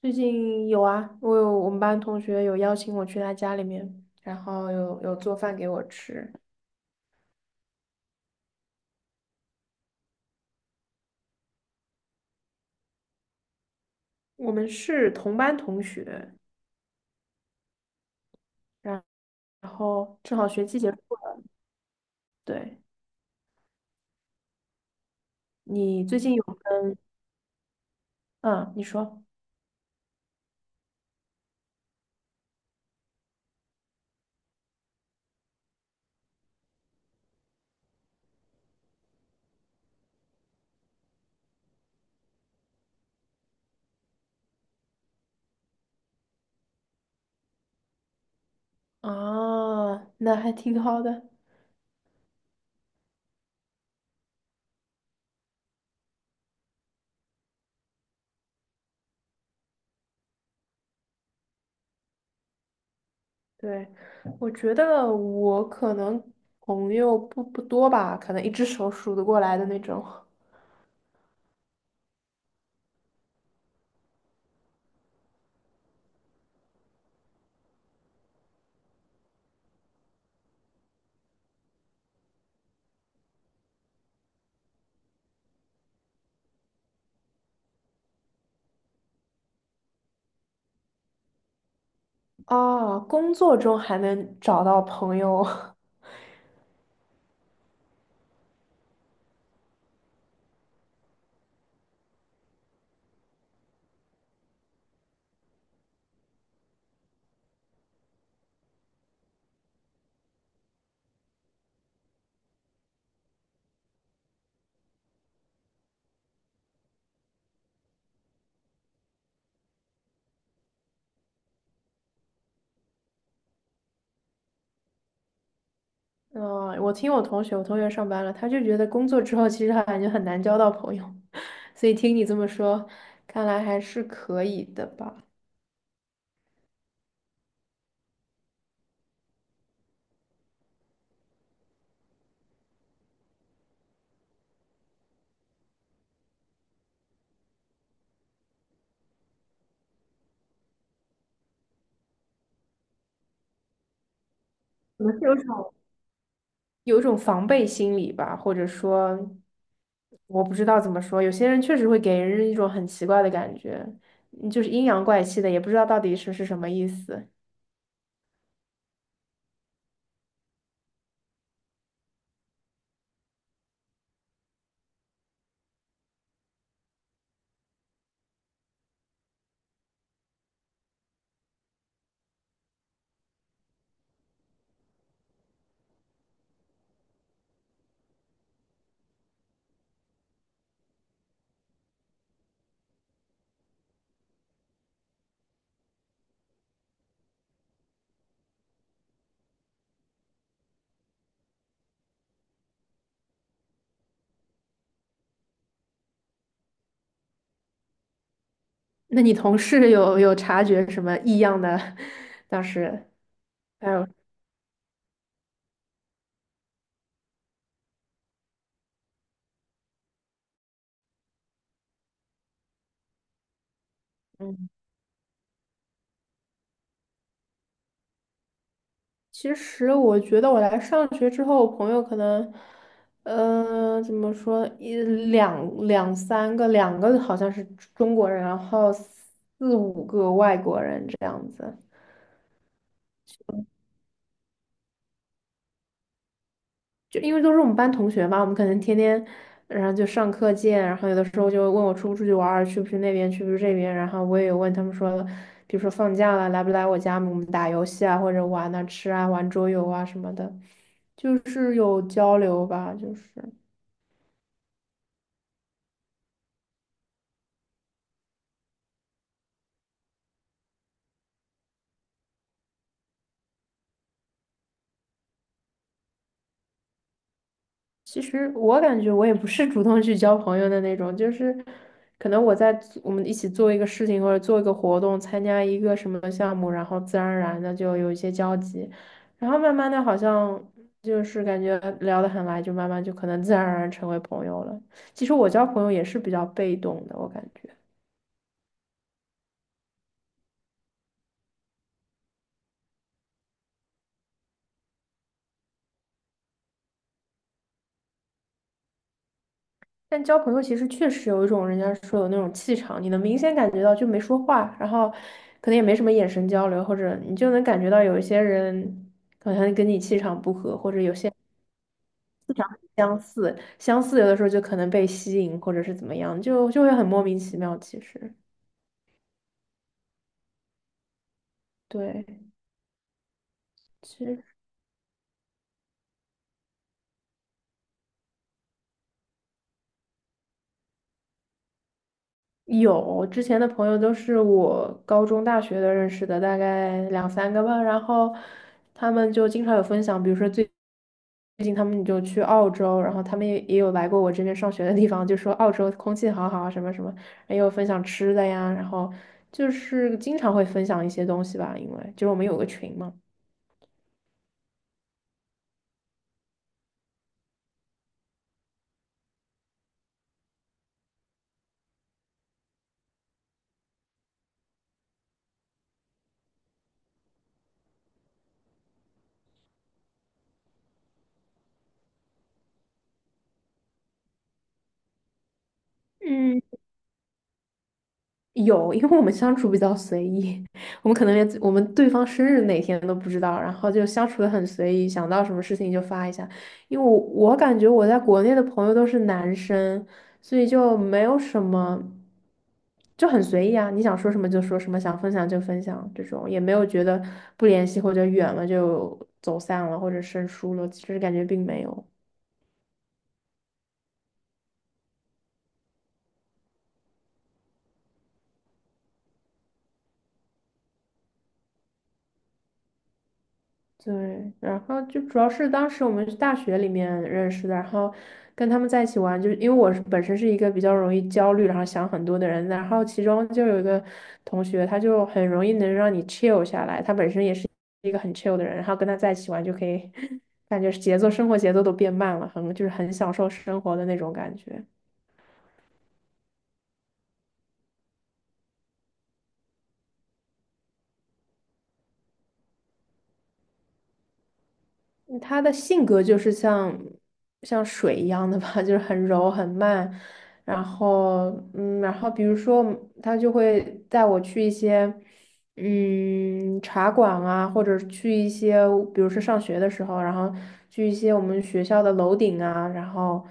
最近有啊，我我们班同学邀请我去他家里面，然后有做饭给我吃。我们是同班同学，然然后正好学期结束了。对，你最近有跟嗯，你说啊，那还挺好的。对，我觉得我可能朋友不多吧，可能一只手数得过来的那种。啊，工作中还能找到朋友，嗯，我听我同学，我同学上班了，他就觉得工作之后其实他感觉很难交到朋友，所以听你这么说，看来还是可以的吧？可能是有种有一种防备心理吧，或者说我不知道怎么说，有些人确实会给人一种很奇怪的感觉，嗯就是阴阳怪气的，也不知道到底是什么意思。那你同事有察觉什么异样的？当时还有。嗯。其实我觉得我来上学之后，我朋友可能，呃，怎么说，两三个，两个好像是中国人，然后四五个外国人这样子。就因为都是我们班同学嘛，我们可能天天，然后就上课见，然后有的时候就问我出不出去玩儿，去不去那边，去不去这边，然后我也有问他们说，比如说放假了，来不来我家，我们打游戏啊，或者玩啊、吃啊、玩桌游啊什么的，就是有交流吧，就是。其实我感觉我也不是主动去交朋友的那种，就是可能我在做我们一起做一个事情或者做一个活动，参加一个什么项目，然后自然而然的就有一些交集，然后慢慢的好像就是感觉聊得很来，就慢慢就可能自然而然成为朋友了。其实我交朋友也是比较被动的，我感觉。但交朋友其实确实有一种人家说有那种气场，你能明显感觉到，就没说话，然后可能也没什么眼神交流，或者你就能感觉到有一些人好像跟你气场不合，或者有些相似有的时候就可能被吸引，或者是怎么样，就会很莫名其妙。其实，对，其实。有，之前的朋友都是我高中、大学的认识的，大概两三个吧。然后他们就经常有分享，比如说最近他们就去澳洲，然后他们也有来过我这边上学的地方，就说澳洲空气好好啊，什么什么，也有分享吃的呀，然后就是经常会分享一些东西吧，因为就是我们有个群嘛。嗯。有，因为我们相处比较随意，我们可能连我们对方生日哪天都不知道，然后就相处的很随意，想到什么事情就发一下。因为我感觉我在国内的朋友都是男生，所以就没有什么，就很随意啊，你想说什么就说什么，想分享就分享，这种也没有觉得不联系或者远了就走散了或者生疏了，其实感觉并没有。对，然后就主要是当时我们是大学里面认识的，然后跟他们在一起玩，就是因为我是本身是一个比较容易焦虑，然后想很多的人，然后其中就有一个同学，他就很容易能让你 chill 下来，他本身也是一个很 chill 的人，然后跟他在一起玩就可以 感觉是节奏，生活节奏都变慢了，很就是很享受生活的那种感觉。嗯他的性格就是像水一样的吧，就是很柔很慢，然后嗯，然后比如说他就会带我去一些嗯茶馆啊，或者去一些，比如说上学的时候，然后去一些我们学校的楼顶啊，然后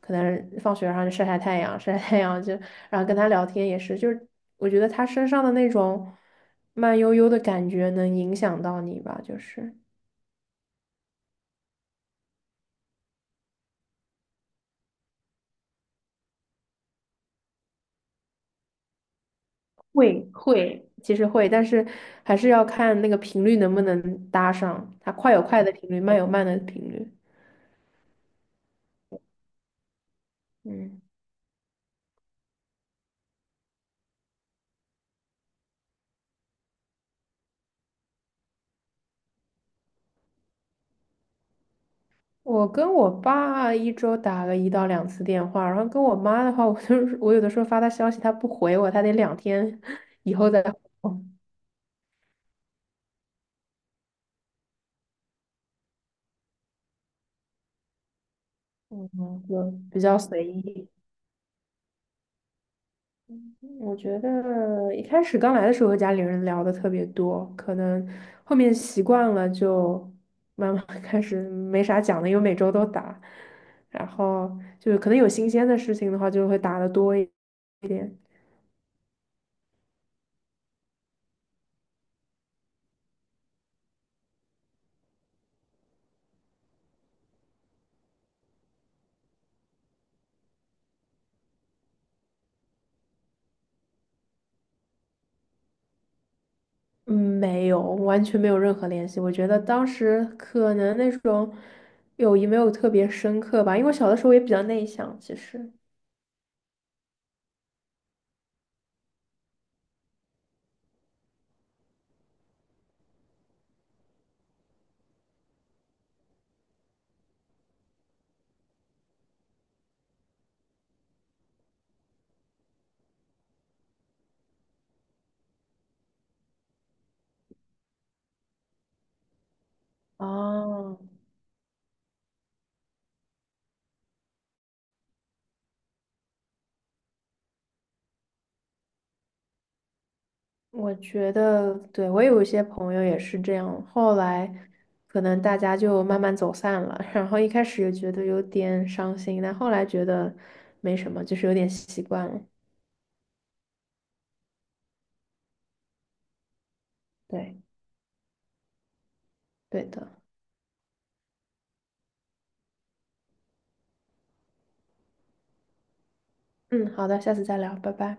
可能放学然后就晒晒太阳，晒晒太阳就然后跟他聊天也是，就是我觉得他身上的那种慢悠悠的感觉能影响到你吧，就是。会会，其实会，但是还是要看那个频率能不能搭上，它快有快的频率，慢有慢的频率。嗯，我跟我爸一周打个一到两次电话，然后跟我妈的话，我就是我有的时候发她消息，她不回我，她得两天以后再回我。嗯，就比较随意。我觉得一开始刚来的时候和家里人聊的特别多，可能后面习惯了就慢慢 开始没啥讲的，因为每周都打，然后就是可能有新鲜的事情的话就会打的多一点。嗯，没有，完全没有任何联系。我觉得当时可能那种友谊没有特别深刻吧，因为我小的时候也比较内向，其实。哦，我觉得，对，我有一些朋友也是这样，后来可能大家就慢慢走散了，然后一开始也觉得有点伤心，但后来觉得没什么，就是有点习惯了。对，对的。嗯，好的，下次再聊，拜拜。